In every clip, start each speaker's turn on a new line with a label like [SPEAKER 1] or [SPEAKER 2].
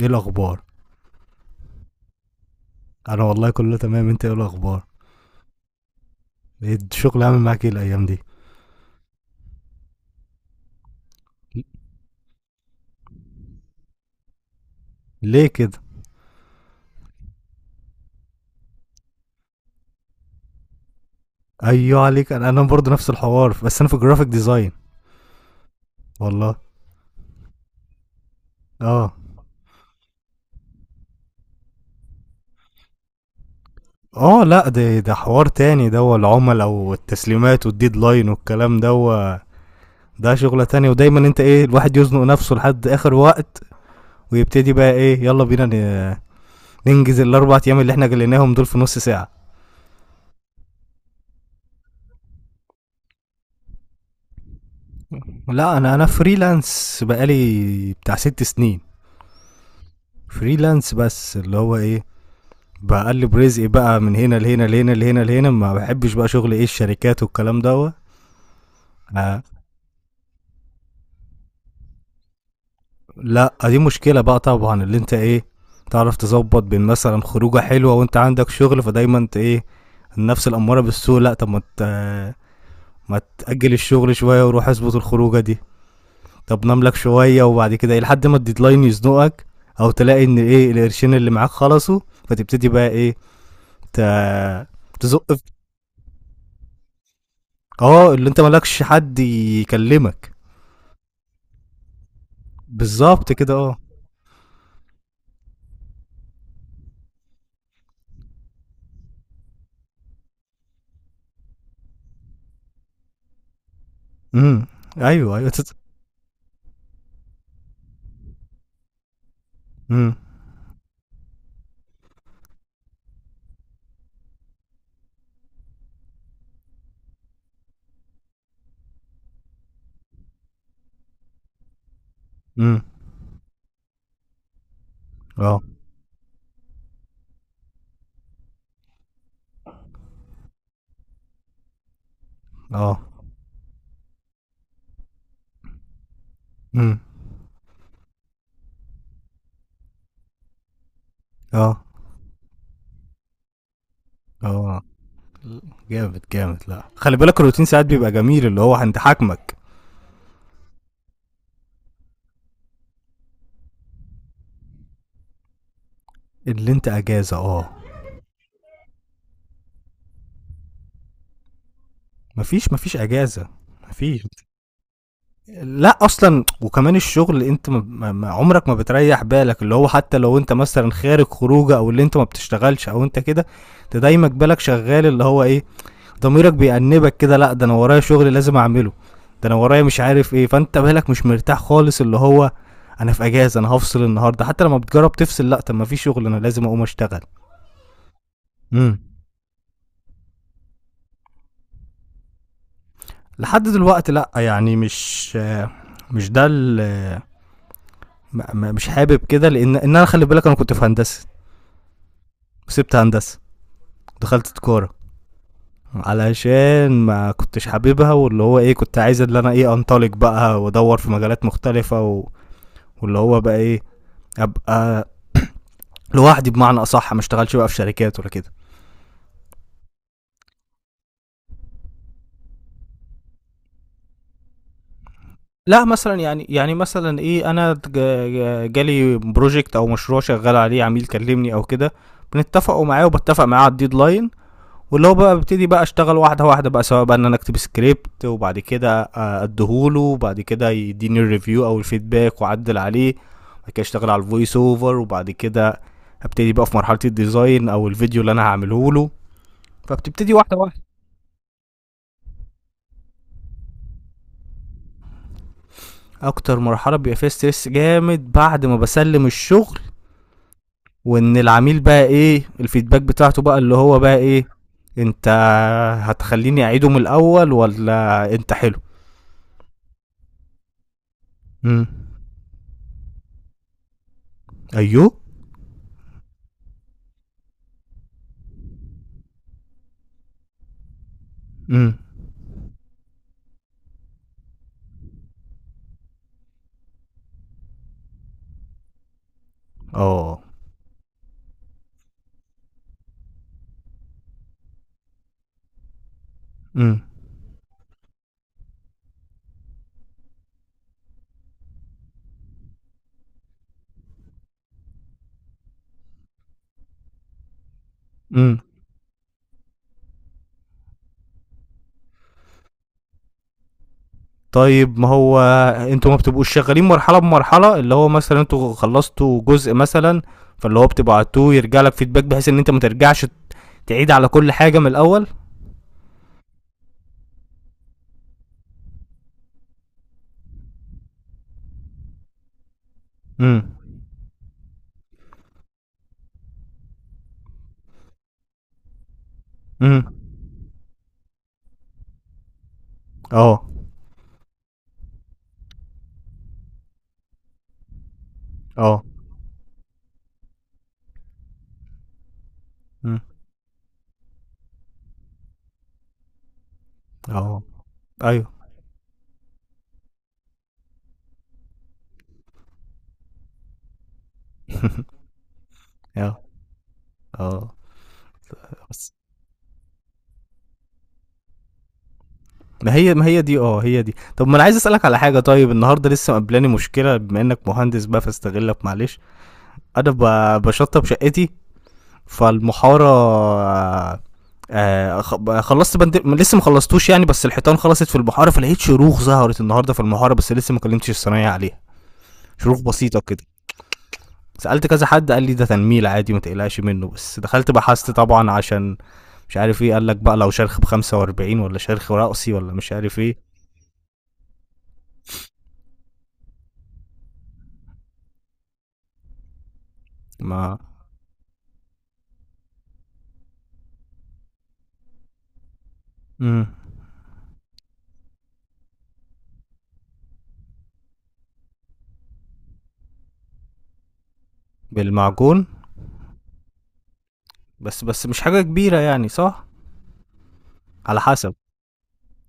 [SPEAKER 1] ايه الاخبار؟ انا والله كله تمام. انت ايه الاخبار؟ إيه الشغل عامل معاك ايه الايام دي؟ ليه كده؟ ايوه عليك. انا برضه نفس الحوار، بس انا في جرافيك ديزاين. والله. اه. اه لا، ده حوار تاني. ده هو العملاء والتسليمات والديدلاين والكلام ده هو، ده شغلة تانية. ودايما انت ايه، الواحد يزنق نفسه لحد اخر وقت، ويبتدي بقى ايه، يلا بينا ننجز الاربع ايام اللي احنا جليناهم دول في نص ساعة. لا، انا فريلانس بقالي بتاع ست سنين. فريلانس، بس اللي هو ايه، بقلب رزقي بقى من هنا لهنا لهنا لهنا لهنا. ما بحبش بقى شغل ايه الشركات والكلام دوت. آه. لا، دي مشكلة بقى طبعا، اللي انت ايه، تعرف تظبط بين مثلا خروجة حلوة وانت عندك شغل. فدايما انت ايه، النفس الأمارة بالسوء. لا طب ما ما تأجل الشغل شوية وروح اظبط الخروجة دي. طب نام لك شوية وبعد كده ايه لحد ما الديدلاين يزنقك، او تلاقي ان ايه القرشين اللي معاك خلصوا، فتبتدي بقى ايه ت- تزق. اه، اللي انت مالكش حد يكلمك. بالظبط كده، اه. امم. ايوه، ايوه، امم. امم. اه. اه. امم. اه. اه. جامد جامد. لا، خلي بالك الروتين ساعات بيبقى جميل اللي هو عند حاكمك. اللي انت اجازه، اه. مفيش، مفيش اجازه. مفيش. لا اصلا، وكمان الشغل انت عمرك ما بتريح بالك اللي هو، حتى لو انت مثلا خارج خروجه، او اللي انت ما بتشتغلش، او انت كده، انت دايما بالك شغال اللي هو ايه، ضميرك بيأنبك كده. لا ده انا ورايا شغل لازم اعمله، ده انا ورايا مش عارف ايه. فانت بالك مش مرتاح خالص اللي هو، انا في اجازه، انا هفصل النهارده. حتى لما بتجرب تفصل، لا طب ما في شغل انا لازم اقوم اشتغل. امم. لحد دلوقتي لا، يعني مش مش ده مش حابب كده، لان ان انا، خلي بالك، انا كنت في هندسه، وسبت هندسه، دخلت تجاره علشان ما كنتش حاببها. واللي هو ايه، كنت عايز اللي انا ايه، انطلق بقى وادور في مجالات مختلفه و. واللي هو بقى ايه، ابقى لوحدي، بمعنى اصح ما اشتغلش بقى في شركات ولا كده. لا مثلا يعني، مثلا ايه، انا جالي بروجكت او مشروع شغال عليه، عميل كلمني او كده، بنتفقوا معاه وبتفق معاه على الديدلاين. واللي هو بقى ببتدي بقى اشتغل واحده واحده بقى، سواء بقى ان انا اكتب سكريبت وبعد كده اديهوله وبعد كده يديني الريفيو او الفيدباك واعدل عليه. بعد كده اشتغل على الفويس اوفر، وبعد كده ابتدي بقى في مرحله الديزاين او الفيديو اللي انا هعمله له. فبتبتدي واحده واحده. اكتر مرحله بيبقى فيها ستريس جامد بعد ما بسلم الشغل، وان العميل بقى ايه الفيدباك بتاعته بقى اللي هو بقى ايه، انت هتخليني اعيده من الاول ولا انت. حلو. امم. ايوه. امم. اه. امم. امم. طيب ما هو، انتوا ما بتبقوش شغالين مرحله بمرحله؟ اللي هو مثلا انتوا خلصتوا جزء مثلا، فاللي هو بتبعتوه يرجع لك فيدباك بحيث ان انت ما ترجعش تعيد على كل حاجه من الاول. امم. امم. اه. اه. مم. آه. أيوه. آه. آه. بس، ما هي دي هي دي. طب ما أنا عايز أسألك على حاجة. طيب النهارده لسه مقابلاني مشكلة، بما إنك مهندس بقى فاستغلك، معلش. أنا باشطب شقتي فالمحارة. خ ب خلّصت بند، لسه ما خلّصتوش يعني، بس الحيطان خلصت في المحارة. فلقيت شروخ ظهرت النهارده في المحارة، بس لسه ما كلمتش الصنايعي عليها. شروخ بسيطة كده. سالت كذا حد قال لي ده تنميل عادي ما تقلقش منه، بس دخلت بحثت طبعا عشان مش عارف ايه، قال لك بقى لو شرخ ب 45 ولا شرخ رأسي ولا مش عارف ايه. ما. مم. بالمعجون. بس مش حاجه كبيره يعني، صح؟ على حسب.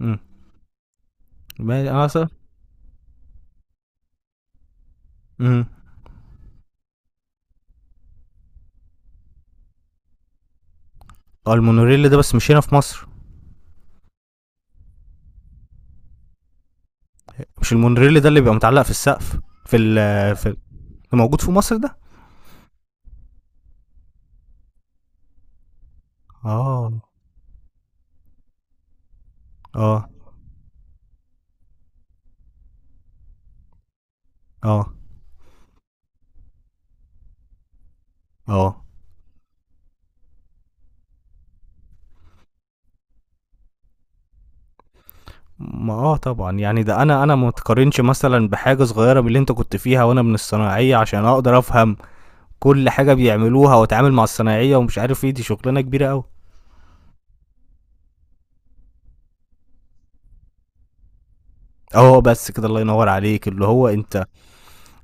[SPEAKER 1] امم. انا، صح. امم. اه، المونوريل ده بس مش هنا في مصر. مش المونوريل ده اللي بيبقى متعلق في السقف في ال في ال- موجود في مصر ده؟ اه. اه. اه. اه. ما اه طبعا، يعني ده انا ما اتقارنش مثلا بحاجه صغيره من اللي انت كنت فيها، وانا من الصناعيه عشان اقدر افهم كل حاجه بيعملوها، واتعامل مع الصناعيه ومش عارف ايه، دي شغلانه كبيره قوي. اه، بس كده الله ينور عليك اللي هو انت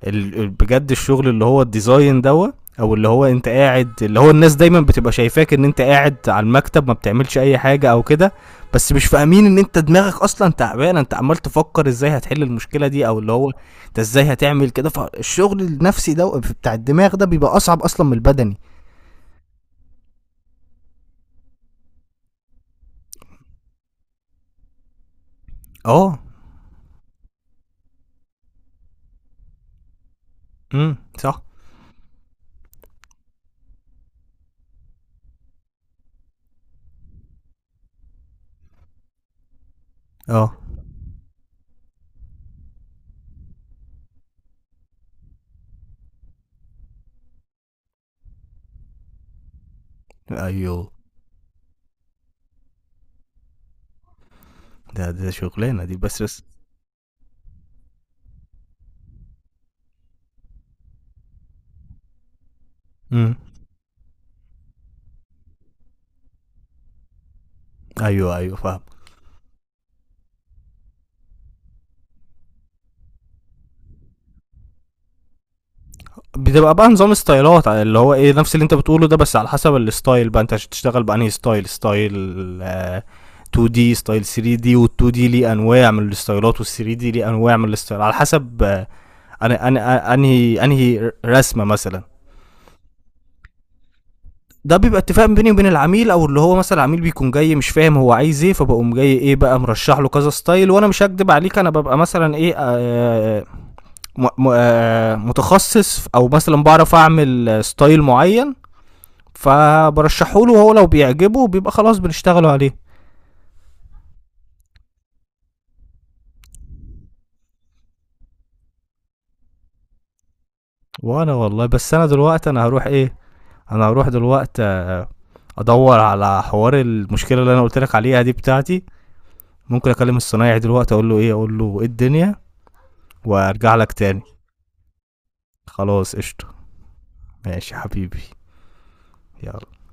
[SPEAKER 1] بجد الشغل اللي هو الديزاين دوت، او اللي هو انت قاعد، اللي هو الناس دايما بتبقى شايفاك ان انت قاعد على المكتب ما بتعملش اي حاجه او كده، بس مش فاهمين ان انت دماغك اصلا تعبان، انت عمال تفكر ازاي هتحل المشكله دي، او اللي هو انت ازاي هتعمل كده. فالشغل النفسي ده بتاع الدماغ ده بيبقى اصعب اصلا من البدني. اه. امم، صح. اه. ايوه، ده شغلانه دي، بس. امم. ايوه، ايوه، فاهم. بتبقى بقى نظام ستايلات اللي هو ايه، نفس اللي انت بتقوله ده، بس على حسب الستايل بقى انت هتشتغل بانهي ستايل. ستايل 2 دي، ستايل 3 دي، وال2 دي ليه انواع من الستايلات، وال3 دي ليه انواع من الستايل، على حسب انا انهي رسمه مثلا. ده بيبقى اتفاق بيني وبين العميل، او اللي هو مثلا العميل بيكون جاي مش فاهم هو عايز ايه، فبقوم جاي ايه بقى مرشح له كذا ستايل، وانا مش هكدب عليك انا ببقى مثلا ايه، متخصص، او مثلا بعرف اعمل ستايل معين، فبرشحه له، وهو لو بيعجبه بيبقى خلاص بنشتغلوا عليه. وانا والله، بس انا دلوقتي انا هروح ايه، انا هروح دلوقتي ادور على حوار المشكله اللي انا قلت لك عليها دي بتاعتي. ممكن اكلم الصنايعي دلوقتي اقول له ايه، اقول له ايه الدنيا، وارجع لك تاني. خلاص، قشطه. ماشي يا حبيبي. يلا.